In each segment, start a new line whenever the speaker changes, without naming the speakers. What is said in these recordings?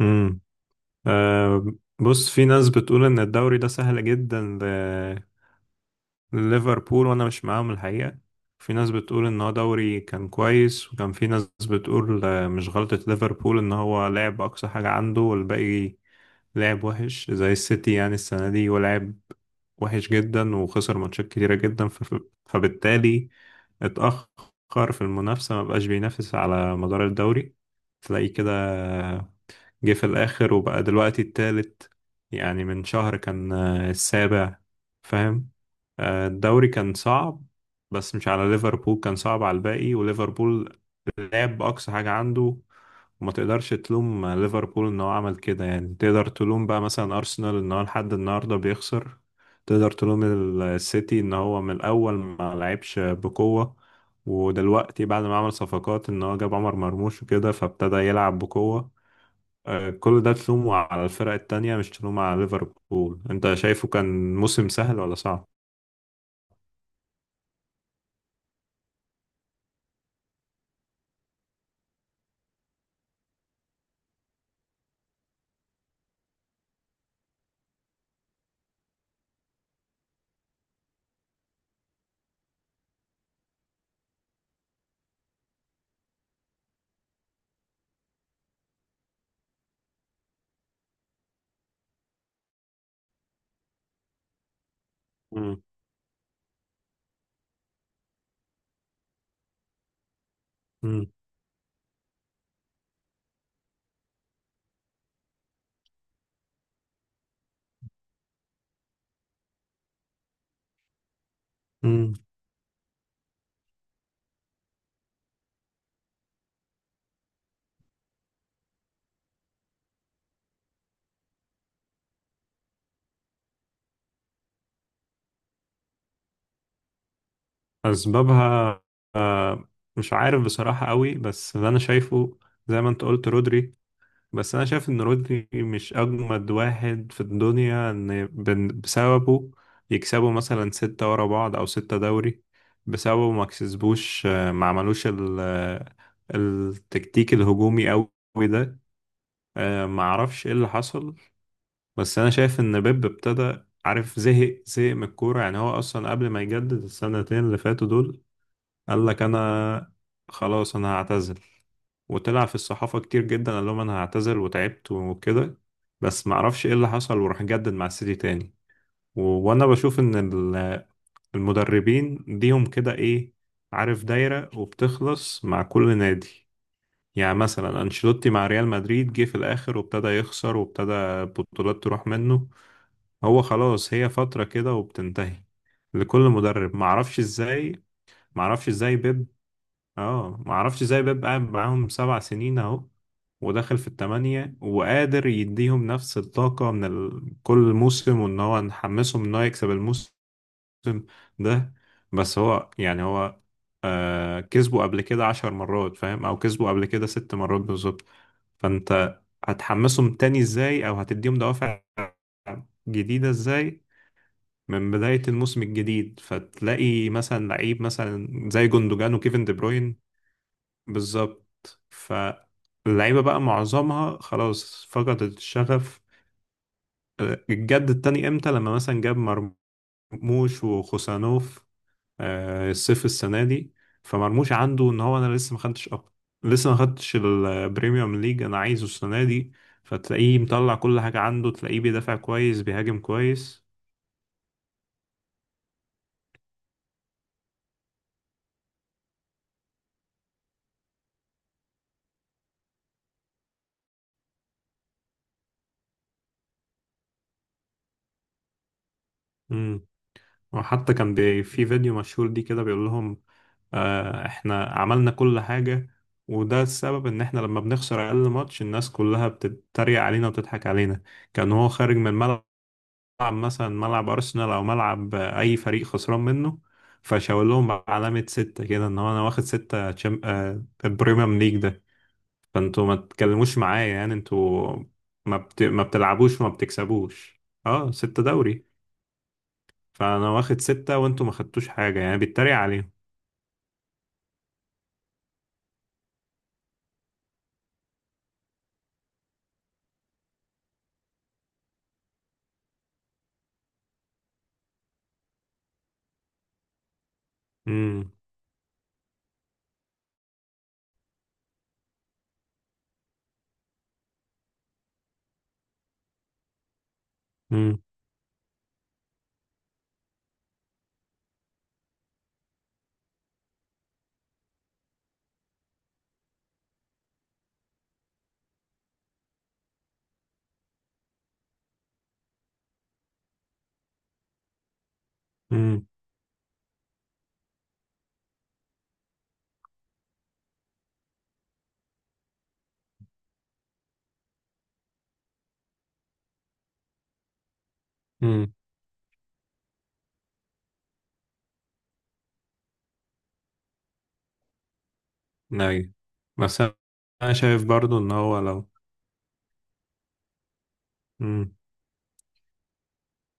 امم. أه. بص، في ناس بتقول ان الدوري ده سهل جدا لليفربول وانا مش معاهم الحقيقة. في ناس بتقول ان هو دوري كان كويس، وكان في ناس بتقول مش غلطة ليفربول ان هو لعب اقصى حاجة عنده، والباقي لعب وحش زي السيتي يعني السنة دي، ولعب وحش جدا وخسر ماتشات كتيرة جدا فبالتالي اتأخر في المنافسة، ما بقاش بينافس على مدار الدوري، تلاقيه كده جه في الآخر وبقى دلوقتي التالت. يعني من شهر كان السابع، فاهم؟ الدوري كان صعب، بس مش على ليفربول، كان صعب على الباقي وليفربول لعب بأقصى حاجة عنده. وما تقدرش تلوم ليفربول ان هو عمل كده، يعني تقدر تلوم بقى مثلا ارسنال ان هو لحد النهارده بيخسر، تقدر تلوم السيتي ان هو من الاول ما لعبش بقوة، ودلوقتي بعد ما عمل صفقات ان هو جاب عمر مرموش وكده فابتدى يلعب بقوة. كل ده تلومه على الفرق التانية، مش تلومه على ليفربول. انت شايفه كان موسم سهل ولا صعب؟ مم. مم. مم. أسبابها آه، مش عارف بصراحة قوي، بس اللي أنا شايفه زي ما أنت قلت رودري. بس أنا شايف إن رودري مش أجمد واحد في الدنيا إن بسببه يكسبوا مثلا ستة ورا بعض أو ستة دوري، بسببه ما كسبوش ما عملوش التكتيك الهجومي قوي ده. ما اعرفش ايه اللي حصل. بس انا شايف ان بيب ابتدى عارف زهق زهق من الكوره، يعني هو اصلا قبل ما يجدد السنتين اللي فاتوا دول قال لك انا خلاص انا هعتزل، وطلع في الصحافه كتير جدا قال لهم انا هعتزل وتعبت وكده، بس ما اعرفش ايه اللي حصل وراح جدد مع السيتي تاني. وانا بشوف ان ال- المدربين ليهم كده ايه، عارف دايره وبتخلص مع كل نادي. يعني مثلا انشيلوتي مع ريال مدريد جه في الاخر وابتدى يخسر وابتدى البطولات تروح منه، هو خلاص هي فترة كده وبتنتهي لكل مدرب. معرفش ازاي بيب. اه، معرفش ازاي بيب قاعد معاهم 7 سنين اهو، وداخل في التمانية، وقادر يديهم نفس الطاقة من كل موسم، وان هو نحمسهم ان هو يكسب الموسم ده. بس هو يعني هو كسبه قبل كده 10 مرات، فاهم، او كسبه قبل كده 6 مرات بالظبط. فانت هتحمسهم تاني ازاي، او هتديهم دوافع جديدة ازاي من بداية الموسم الجديد؟ فتلاقي مثلا لعيب مثلا زي جوندوجان وكيفن دي بروين. بالظبط. فاللعيبة بقى معظمها خلاص فقدت الشغف، الجد التاني امتى؟ لما مثلا جاب مرموش وخوسانوف الصيف السنة دي، فمرموش عنده ان هو انا لسه ما خدتش لسه ما خدتش البريميوم ليج انا عايزه السنة دي. فتلاقيه مطلع كل حاجة عنده، تلاقيه بيدافع كويس بيهاجم كويس. امم. وحتى كان في فيديو مشهور دي كده بيقول لهم احنا عملنا كل حاجة، وده السبب ان احنا لما بنخسر اقل ماتش الناس كلها بتتريق علينا وتضحك علينا. كان هو خارج من الملعب، ملعب مثلا ملعب ارسنال او ملعب اي فريق خسران منه، فشاور لهم علامة ستة كده ان هو انا واخد ستة تشام... آه، البريميوم ليج ده، فانتوا ما تتكلموش معايا، يعني انتوا ما بتلعبوش وما بتكسبوش، اه ستة دوري فانا واخد ستة وانتوا ما خدتوش حاجة، يعني بيتريق عليهم. امم. امم. امم. امم. ايوه، بس انا شايف برضو ان هو لو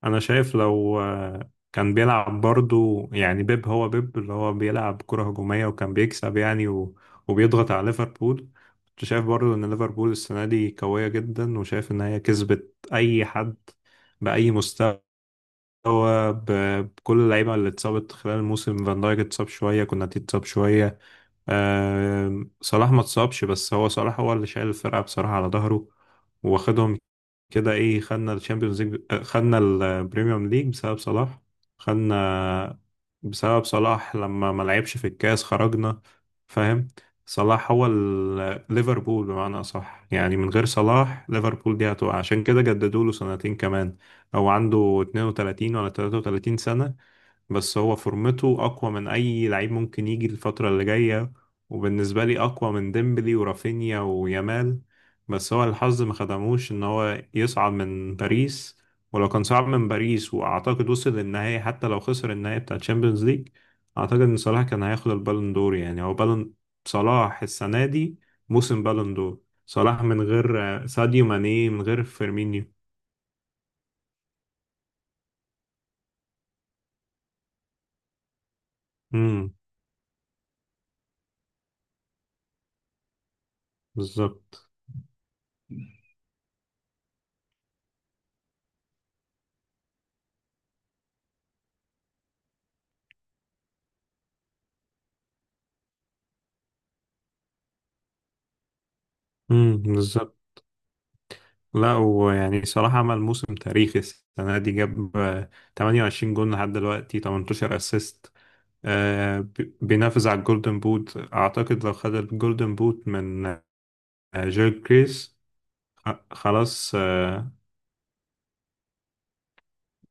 انا شايف لو كان بيلعب برضو يعني بيب، هو بيب اللي هو بيلعب كرة هجومية وكان بيكسب يعني وبيضغط على ليفربول، كنت شايف برضو ان ليفربول السنة دي قوية جدا، وشايف ان هي كسبت اي حد بأي مستوى بكل اللعيبة اللي اتصابت خلال الموسم. فان دايك اتصاب شوية، كوناتي اتصاب شوية، صلاح ما اتصابش، بس هو صلاح هو اللي شايل الفرقة بصراحة على ظهره، واخدهم كده ايه، خدنا الشامبيونز ليج خدنا البريميوم ليج بسبب صلاح، خدنا بسبب صلاح، لما ما لعبش في الكاس خرجنا، فاهم. صلاح هو ليفربول بمعنى اصح، يعني من غير صلاح ليفربول دي هتقع، عشان كده جددوا له سنتين كمان. او عنده 32 ولا 33 سنة، بس هو فورمته اقوى من اي لعيب ممكن يجي الفترة اللي جاية، وبالنسبة لي اقوى من ديمبلي ورافينيا ويامال. بس هو الحظ ما خدموش ان هو يصعد من باريس، ولو كان صعد من باريس واعتقد وصل للنهاية، حتى لو خسر النهاية بتاع تشامبيونز ليج، اعتقد ان صلاح كان هياخد البالون دور، يعني هو بالون صلاح السنة دي، موسم بالون دور، صلاح من غير ساديو ماني من غير فيرمينيو. امم، بالظبط. امم، بالظبط. لا، ويعني صراحة عمل موسم تاريخي السنة دي، جاب 28 جون لحد دلوقتي، 18 اسيست، بينافس على الجولدن بوت. أعتقد لو خد الجولدن بوت من جيل كريس، خلاص،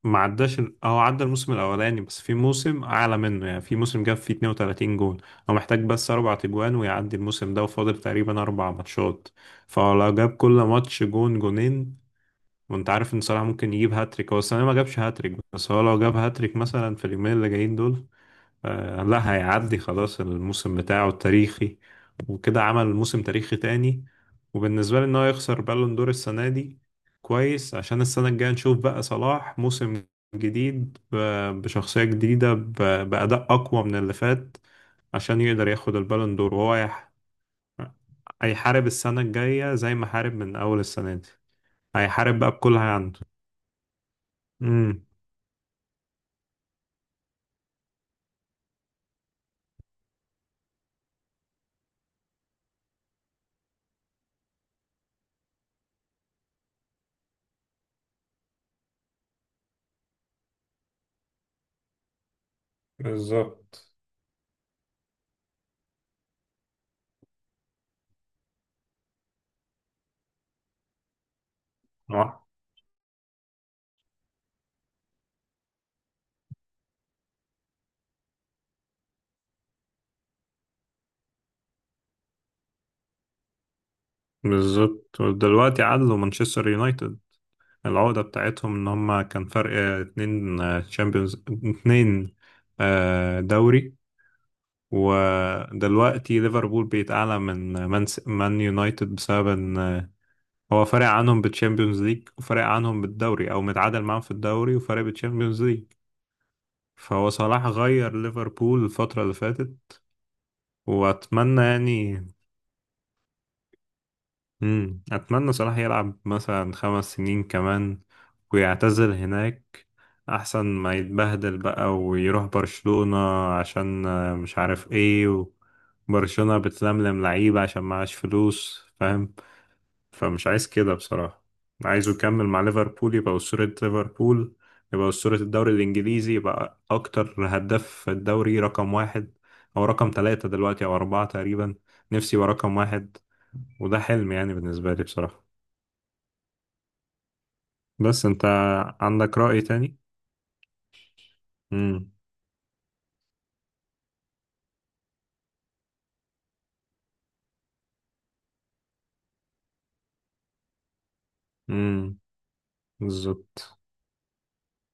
ما عداش أو عدى الموسم الأولاني، بس في موسم أعلى منه يعني في موسم جاب فيه 32 جون. هو محتاج بس أربع تجوان ويعدي الموسم ده، وفاضل تقريبا أربع ماتشات، فلو جاب كل ماتش جون جونين، وانت عارف ان صلاح ممكن يجيب هاتريك، هو السنه ما جابش هاتريك بس هو لو جاب هاتريك مثلا في اليومين اللي جايين دول، لا هيعدي خلاص الموسم بتاعه التاريخي، وكده عمل موسم تاريخي تاني. وبالنسبه لي ان هو يخسر بالون دور السنه دي كويس، عشان السنه الجايه نشوف بقى صلاح موسم جديد بشخصيه جديده باداء اقوى من اللي فات، عشان يقدر ياخد البالون دور. وهو هيحارب السنه الجايه زي ما حارب من اول السنه دي، هيحارب بقى بكل اللي عنده. بالظبط. اه، بالظبط. ودلوقتي عدلوا مانشستر يونايتد، العودة بتاعتهم ان هم كان فرق اتنين تشامبيونز، اتنين دوري. ودلوقتي ليفربول بقت اعلى من مان يونايتد، بسبب ان هو فارق عنهم بالتشامبيونز ليج، وفارق عنهم بالدوري او متعادل معاهم في الدوري وفارق بالتشامبيونز ليج. فهو صلاح غير ليفربول الفترة اللي فاتت، واتمنى يعني اتمنى صلاح يلعب مثلا 5 سنين كمان ويعتزل هناك، احسن ما يتبهدل بقى ويروح برشلونة عشان مش عارف ايه، وبرشلونة بتلملم لعيبة عشان معاش فلوس فاهم، فمش عايز كده بصراحة. عايزه يكمل مع ليفربول، يبقى أسطورة ليفربول، يبقى أسطورة الدوري الإنجليزي، يبقى أكتر هداف في الدوري رقم واحد، أو رقم ثلاثة دلوقتي أو أربعة تقريبا، نفسي يبقى رقم واحد، وده حلم يعني بالنسبة لي بصراحة. بس انت عندك رأي تاني؟ امم. امم، بالظبط.